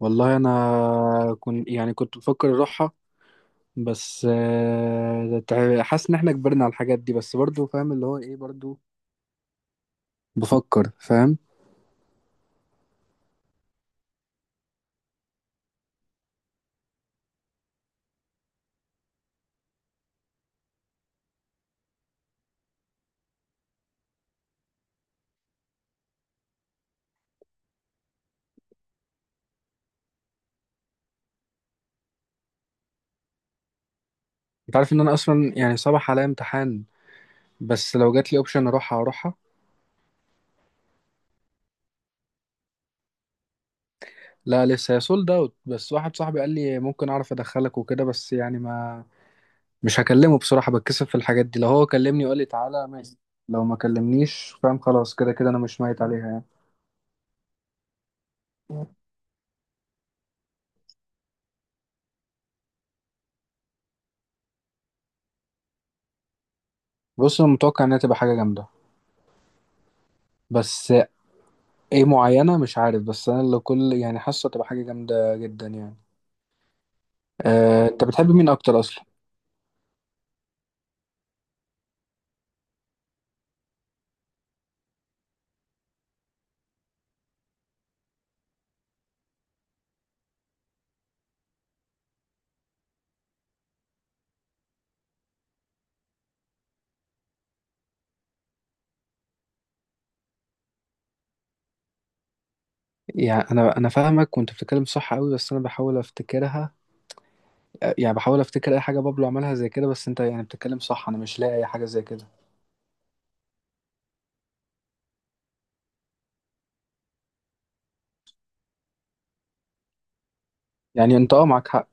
والله انا كنت يعني كنت بفكر اروحها. بس حاسس ان احنا كبرنا على الحاجات دي، بس برضو فاهم اللي هو ايه برضو، بفكر فاهم. انت عارف ان انا اصلا يعني صباح عليا امتحان، بس لو جات لي اوبشن اروحها اروحها. لا لسه، هي سولد اوت، بس واحد صاحبي قال لي ممكن اعرف ادخلك وكده، بس يعني ما، مش هكلمه بصراحة، بتكسف في الحاجات دي. لو هو كلمني وقال لي تعالى ماشي، لو ما كلمنيش فاهم خلاص، كده كده انا مش ميت عليها يعني. بص، انا متوقع انها تبقى حاجة جامدة، بس ايه معينة مش عارف، بس انا اللي كل يعني حاسة تبقى حاجة جامدة جدا يعني. انت بتحب مين اكتر اصلا؟ يعني انا فاهمك، وانت بتتكلم صح قوي، بس انا بحاول افتكرها. يعني بحاول افتكر اي حاجة بابلو عملها زي كده، بس انت يعني بتتكلم صح، انا مش لاقي اي حاجة زي كده. يعني انت اه معاك حق.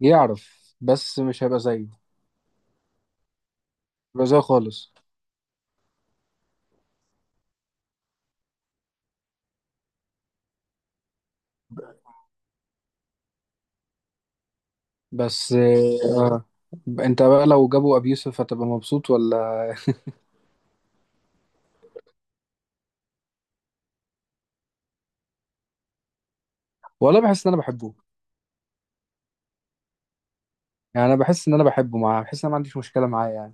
يعرف بس مش هيبقى زيه، هيبقى زيه خالص. بس آه آه، انت بقى لو جابوا ابي يوسف هتبقى مبسوط، ولا ولا بحس ان انا بحبه؟ يعني انا بحس ان انا بحبه، معاه بحس ان انا ما عنديش مشكلة معاه يعني.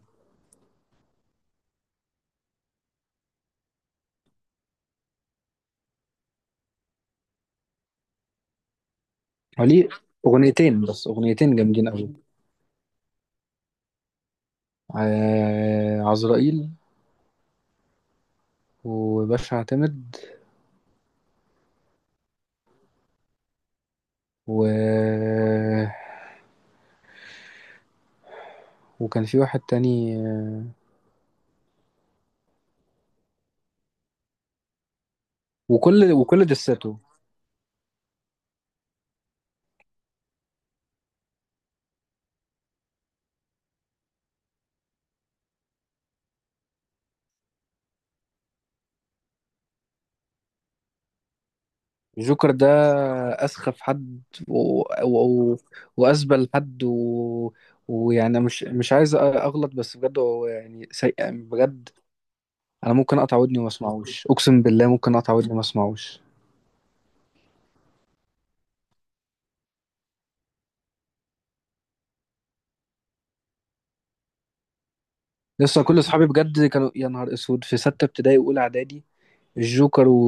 وليه اغنيتين، بس اغنيتين جامدين قوي. عزرائيل وباشا اعتمد و... وكان في واحد تاني، وكل دساته. جوكر ده أسخف حد و... و... وأسبل حد، ويعني مش عايز أغلط، بس بجد هو يعني سيء بجد. أنا ممكن أقطع ودني وما أسمعوش، أقسم بالله ممكن أقطع ودني وما أسمعوش. لسه كل أصحابي بجد كانوا، يا نهار أسود، في ستة ابتدائي وأولى إعدادي، الجوكر،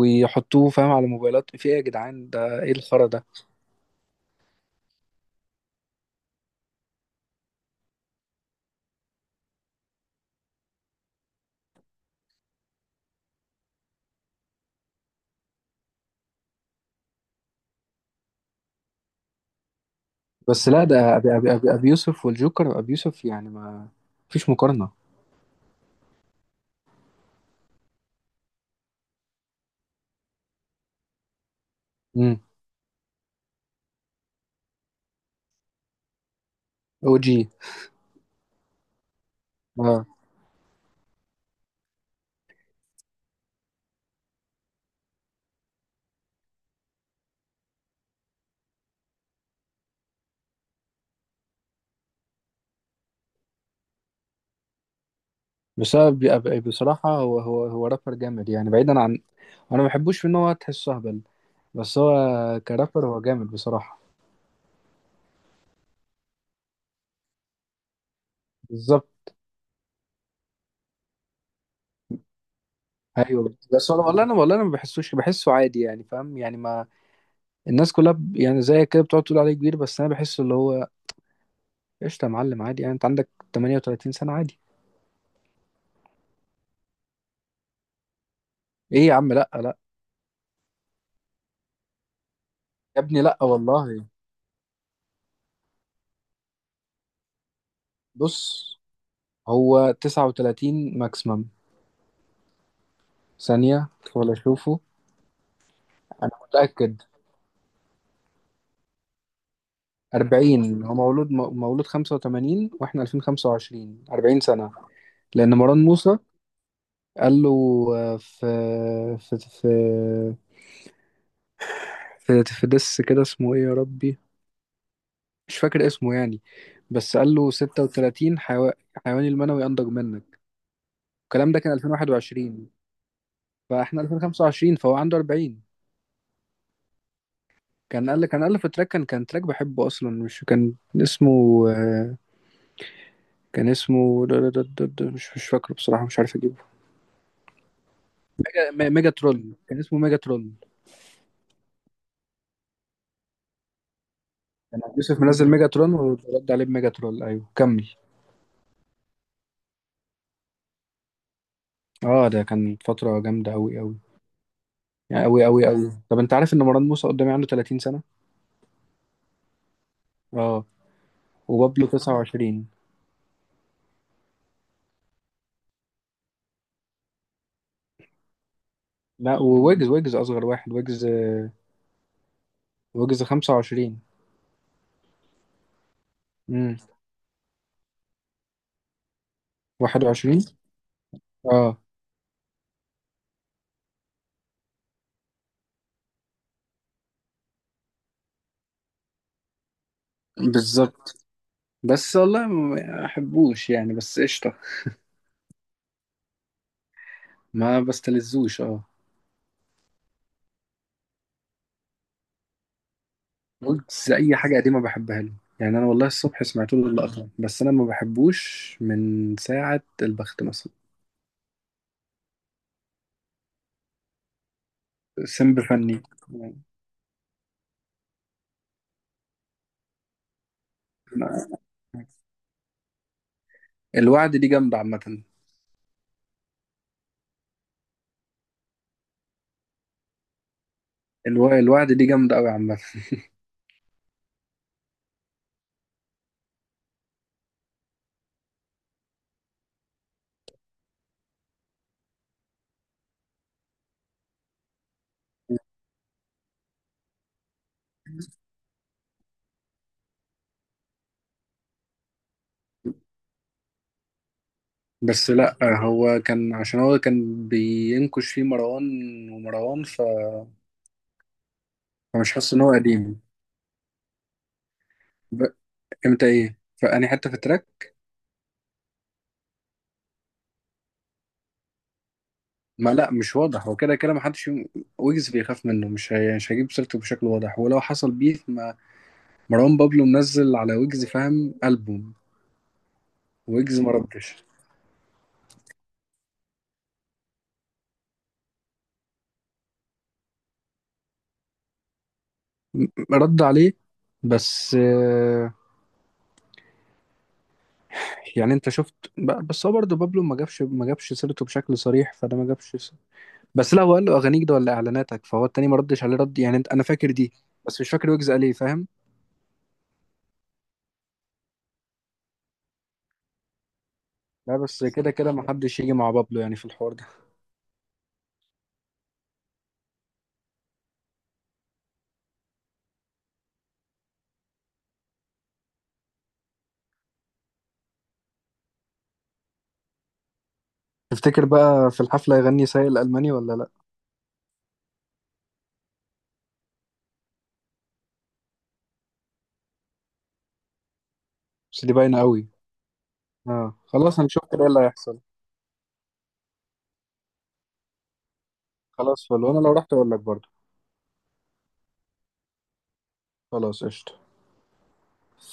ويحطوه فاهم على موبايلات. في ايه يا جدعان، ده ايه الخرا ده؟ بس لا، ده ابي يوسف، والجوكر ابي يوسف يعني ما فيش مقارنة. امم. او جي. اه بس أنا أبي بصراحة، هو هو رابر جامد، يعني بعيدا عن، انا ما بحبوش في ان هو تحسه اهبل، بس هو كرابر هو جامد بصراحة. بالظبط. ايوه بس والله انا ما بحسوش، بحسه عادي يعني، فاهم يعني ما، الناس كلها ب- يعني زي كده بتقعد تقول عليه كبير، بس انا بحسه اللي هو قشطه يا معلم عادي، يعني انت عندك 38 سنة عادي. ايه يا عم، لا لا، يا ابني لا والله. بص، هو 39 ماكسيمم، ثانية ولا اشوفه، انا متأكد. 40 هو مولود مولود 85، واحنا 2025، 40 سنة. لان مروان موسى قال له، في في في دس كده اسمه ايه يا ربي، مش فاكر اسمه يعني، بس قال له 36 حيواني المنوي انضج منك. الكلام ده كان 2021، فاحنا 2025، فهو عنده 40. كان قال، كان ألف تراك، كان تراك بحبه أصلا مش كان اسمه، آه، كان اسمه مش فاكره بصراحة، مش عارف أجيبه. ميجا ترول، كان اسمه ميجا ترول. كان عبد يوسف منزل ميجا ترول، ورد عليه بميجا ترول. أيوه كمل. اه ده كان فترة جامدة أوي أوي، يعني أوي أوي أوي. طب أنت عارف إن مروان موسى قدامي عنده 30 سنة؟ اه، وبابلو 29. لا، وويجز أصغر واحد، ويجز ويجز 25. امم. 21. اه بالظبط. بس والله ما احبوش يعني، بس قشطه، ما بستلذوش اه. ويجز اي حاجه قديمه بحبها له، يعني انا والله الصبح سمعت له اللقطه، بس انا ما بحبوش من ساعه البخت مثلا. سمب فني. الوعد دي جامده عامه. الوعد دي جامده قوي عامه. بس لا، هو كان عشان هو كان بينكش فيه مروان ومروان، فمش حاسس ان هو قديم. ب... امتى ايه؟ فاني حته في التراك. ما لا مش واضح، هو كده كده ما حدش، ويجز بيخاف منه، مش مش هجيب سيرته بشكل واضح، ولو حصل بيف، ما مروان بابلو منزل على ويجز فاهم ألبوم، ويجز ما ردش، رد عليه. بس آه، يعني انت شفت، بس هو برضه بابلو ما جابش سيرته بشكل صريح، فده ما جابش بس لا، هو قال له اغانيك ده ولا اعلاناتك، فهو التاني ما ردش عليه رد، يعني انت انا فاكر دي، بس مش فاكر ويجز قال ايه فاهم. لا بس كده كده ما حدش يجي مع بابلو يعني في الحوار ده. تفتكر بقى في الحفلة يغني سايق الألماني ولا لا؟ بس دي باينة قوي. اه خلاص، هنشوف كده ايه اللي هيحصل. خلاص فل، وانا لو رحت اقول لك برضه. خلاص قشطة. سلام.